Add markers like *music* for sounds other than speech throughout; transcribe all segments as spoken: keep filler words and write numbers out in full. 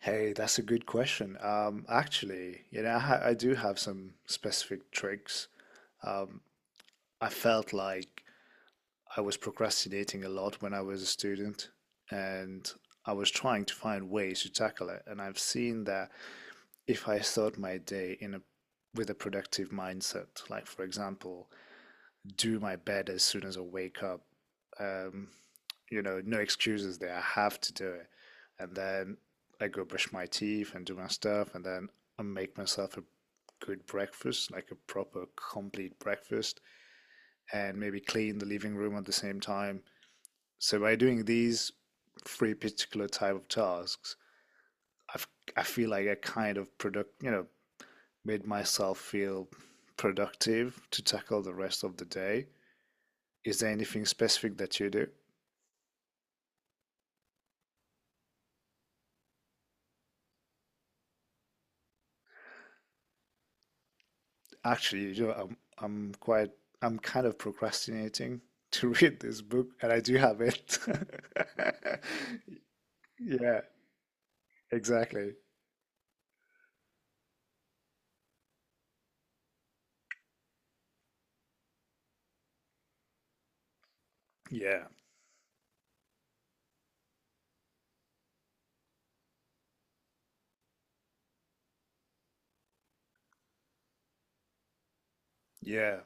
Hey, that's a good question. Um, actually, you know, I, ha- I do have some specific tricks. Um, I felt like I was procrastinating a lot when I was a student, and I was trying to find ways to tackle it. And I've seen that if I start my day in a with a productive mindset, like for example, do my bed as soon as I wake up. Um, you know, no excuses there. I have to do it. And then I go brush my teeth and do my stuff, and then I make myself a good breakfast, like a proper, complete breakfast, and maybe clean the living room at the same time. So by doing these three particular type of tasks, I've, I feel like I kind of product, you know, made myself feel productive to tackle the rest of the day. Is there anything specific that you do? Actually, you know, I'm I'm quite I'm kind of procrastinating *laughs* to read this book, and I do have it. *laughs* Yeah, exactly. Yeah. Yeah.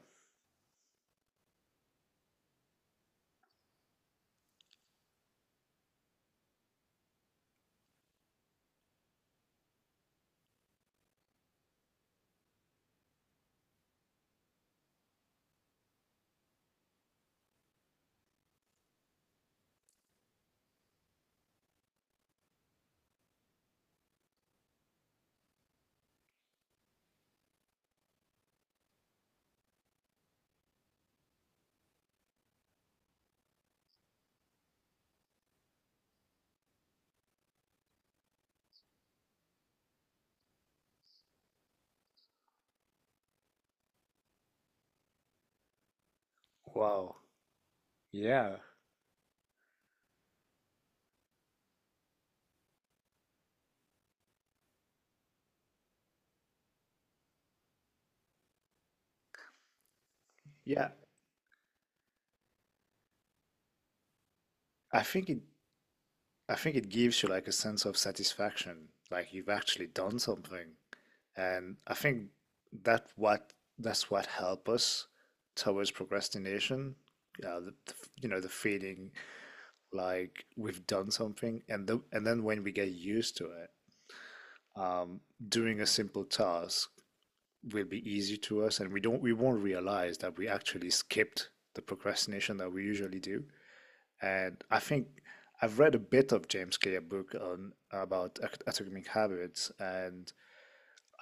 Wow. Yeah. Yeah. I think it I think it gives you like a sense of satisfaction, like you've actually done something. And I think that what that's what help us towards procrastination. Uh, the, the f- you know, The feeling like we've done something and the, and then when we get used to it, um, doing a simple task will be easy to us and we don't we won't realize that we actually skipped the procrastination that we usually do. And I think I've read a bit of James Clear book on about at- atomic habits, and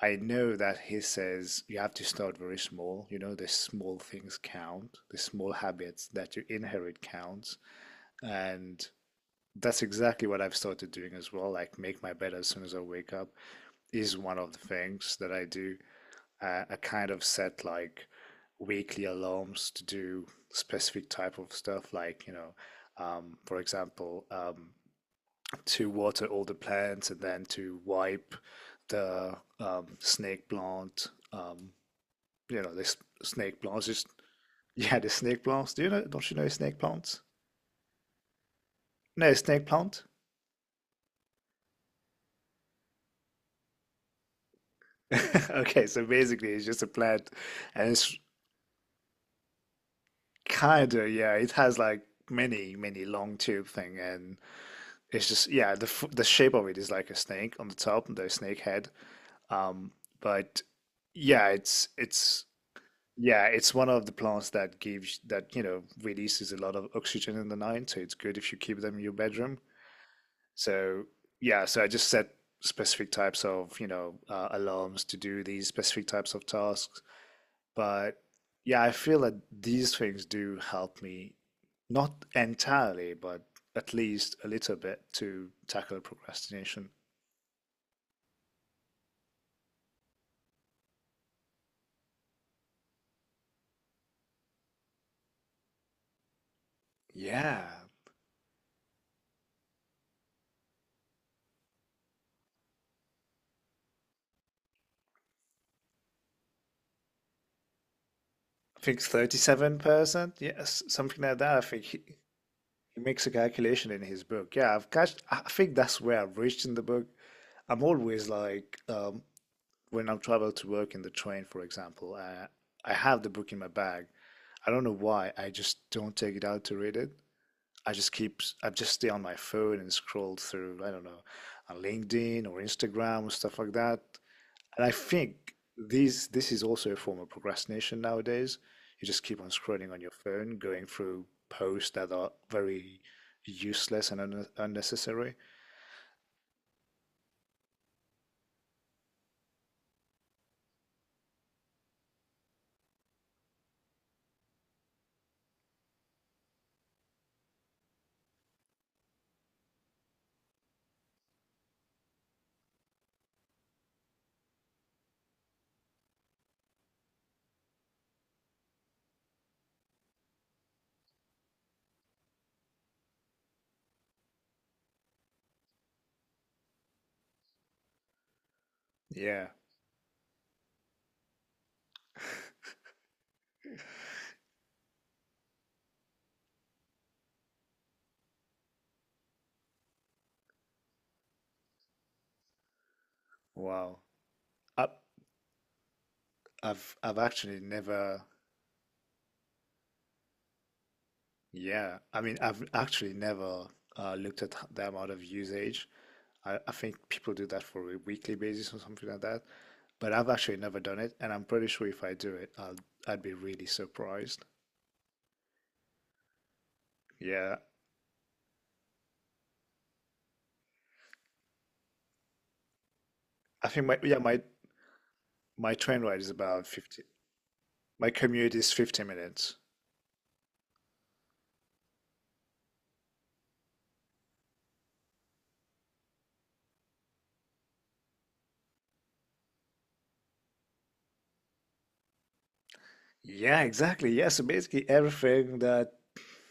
I know that he says you have to start very small. You know, the small things count, the small habits that you inherit counts. And that's exactly what I've started doing as well. Like make my bed as soon as I wake up is one of the things that I do. Uh, I kind of set like weekly alarms to do specific type of stuff, like you know, um, for example, um, to water all the plants and then to wipe the, um, snake plant. Um, you know, this snake plants. Just *laughs* yeah, the snake plants. Do you know? Don't you know snake plants? No, snake plant. *laughs* Okay, so basically it's just a plant, and it's kind of, yeah, it has like many many long tube thing, and it's just, yeah, the f- the shape of it is like a snake on the top, the snake head. Um, but yeah, it's it's yeah, it's one of the plants that gives, that you know, releases a lot of oxygen in the night, so it's good if you keep them in your bedroom. So yeah, so I just set specific types of, you know uh, alarms to do these specific types of tasks. But yeah, I feel that these things do help me, not entirely, but at least a little bit to tackle procrastination. Yeah, I think thirty-seven percent, yes, something like that. I think he, he makes a calculation in his book. Yeah, I've catched, I think that's where I've reached in the book. I'm always like, um, when I travel to work in the train, for example, I, I have the book in my bag. I don't know why, I just don't take it out to read it. I just keep I just stay on my phone and scroll through, I don't know, on LinkedIn or Instagram or stuff like that. And I think these this is also a form of procrastination nowadays. You just keep on scrolling on your phone, going through posts that are very useless and un unnecessary. Yeah. Wow. I, I've I've actually never, yeah, I mean I've actually never, uh, looked at the amount of usage. I, I think people do that for a weekly basis or something like that. But I've actually never done it, and I'm pretty sure if I do it, I'll I'd be really surprised. Yeah, I think my yeah my my train ride is about fifty. My commute is fifty minutes. Yeah, exactly. Yeah, so basically everything that,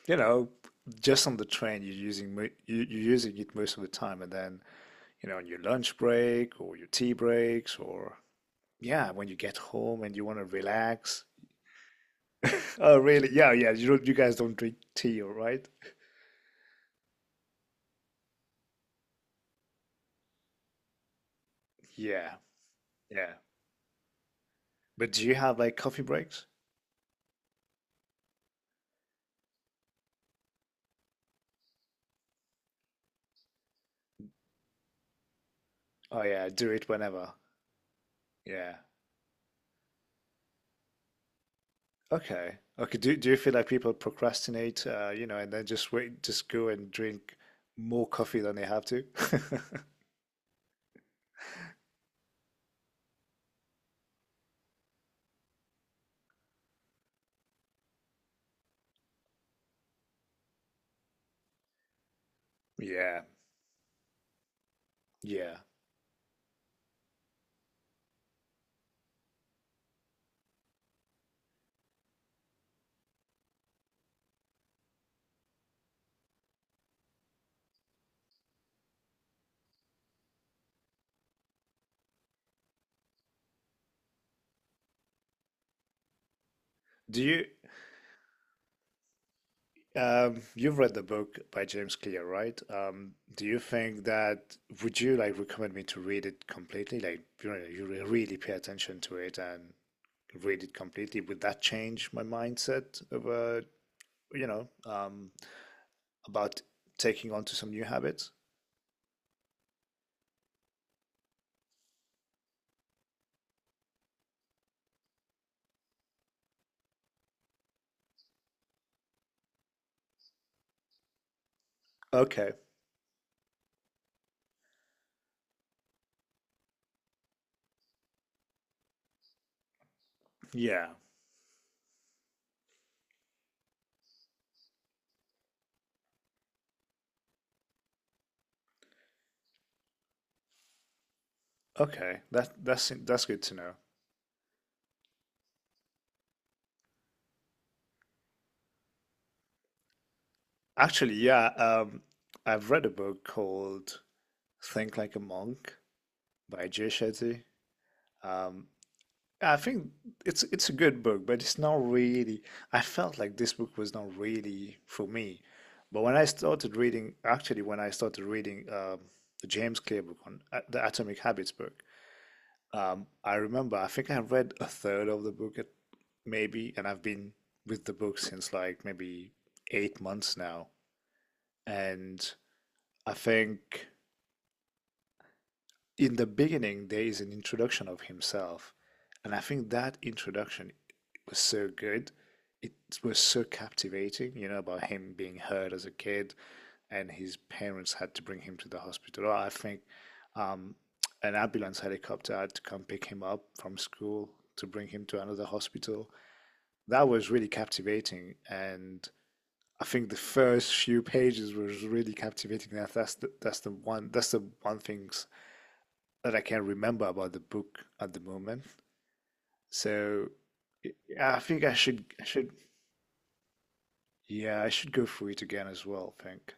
you know, just on the train, you're using mo- you, you're using it most of the time, and then you know on your lunch break or your tea breaks or yeah when you get home and you want to relax. *laughs* Oh, really? Yeah, yeah. You don't, you guys don't drink tea, all right? Yeah, yeah. But do you have like coffee breaks? Oh yeah, do it whenever. Yeah. Okay. Okay. Do do you feel like people procrastinate, uh, you know, and then just wait, just go and drink more coffee than they have to? *laughs* Yeah. Yeah. Do you um You've read the book by James Clear, right? Um, do you think that would you like recommend me to read it completely? Like, you know, you re- really pay attention to it and read it completely. Would that change my mindset of, uh, you know, um about taking on to some new habits? Okay. Yeah. Okay. That that's that's good to know. Actually, yeah, um I've read a book called Think Like a Monk by Jay Shetty. Um I think it's it's a good book, but it's not really, I felt like this book was not really for me. But when I started reading, actually when I started reading, um the James Clear book on, uh, the Atomic Habits book. Um, I remember, I think I read a third of the book at maybe, and I've been with the book since like maybe eight months now. And I think in the beginning, there is an introduction of himself. And I think that introduction was so good. It was so captivating, you know, about him being hurt as a kid and his parents had to bring him to the hospital. I think, um, an ambulance helicopter had to come pick him up from school to bring him to another hospital. That was really captivating, and I think the first few pages was really captivating. That that's the, that's the one that's the one thing that I can remember about the book at the moment. So yeah, I think I should I should, yeah, I should go through it again as well. I think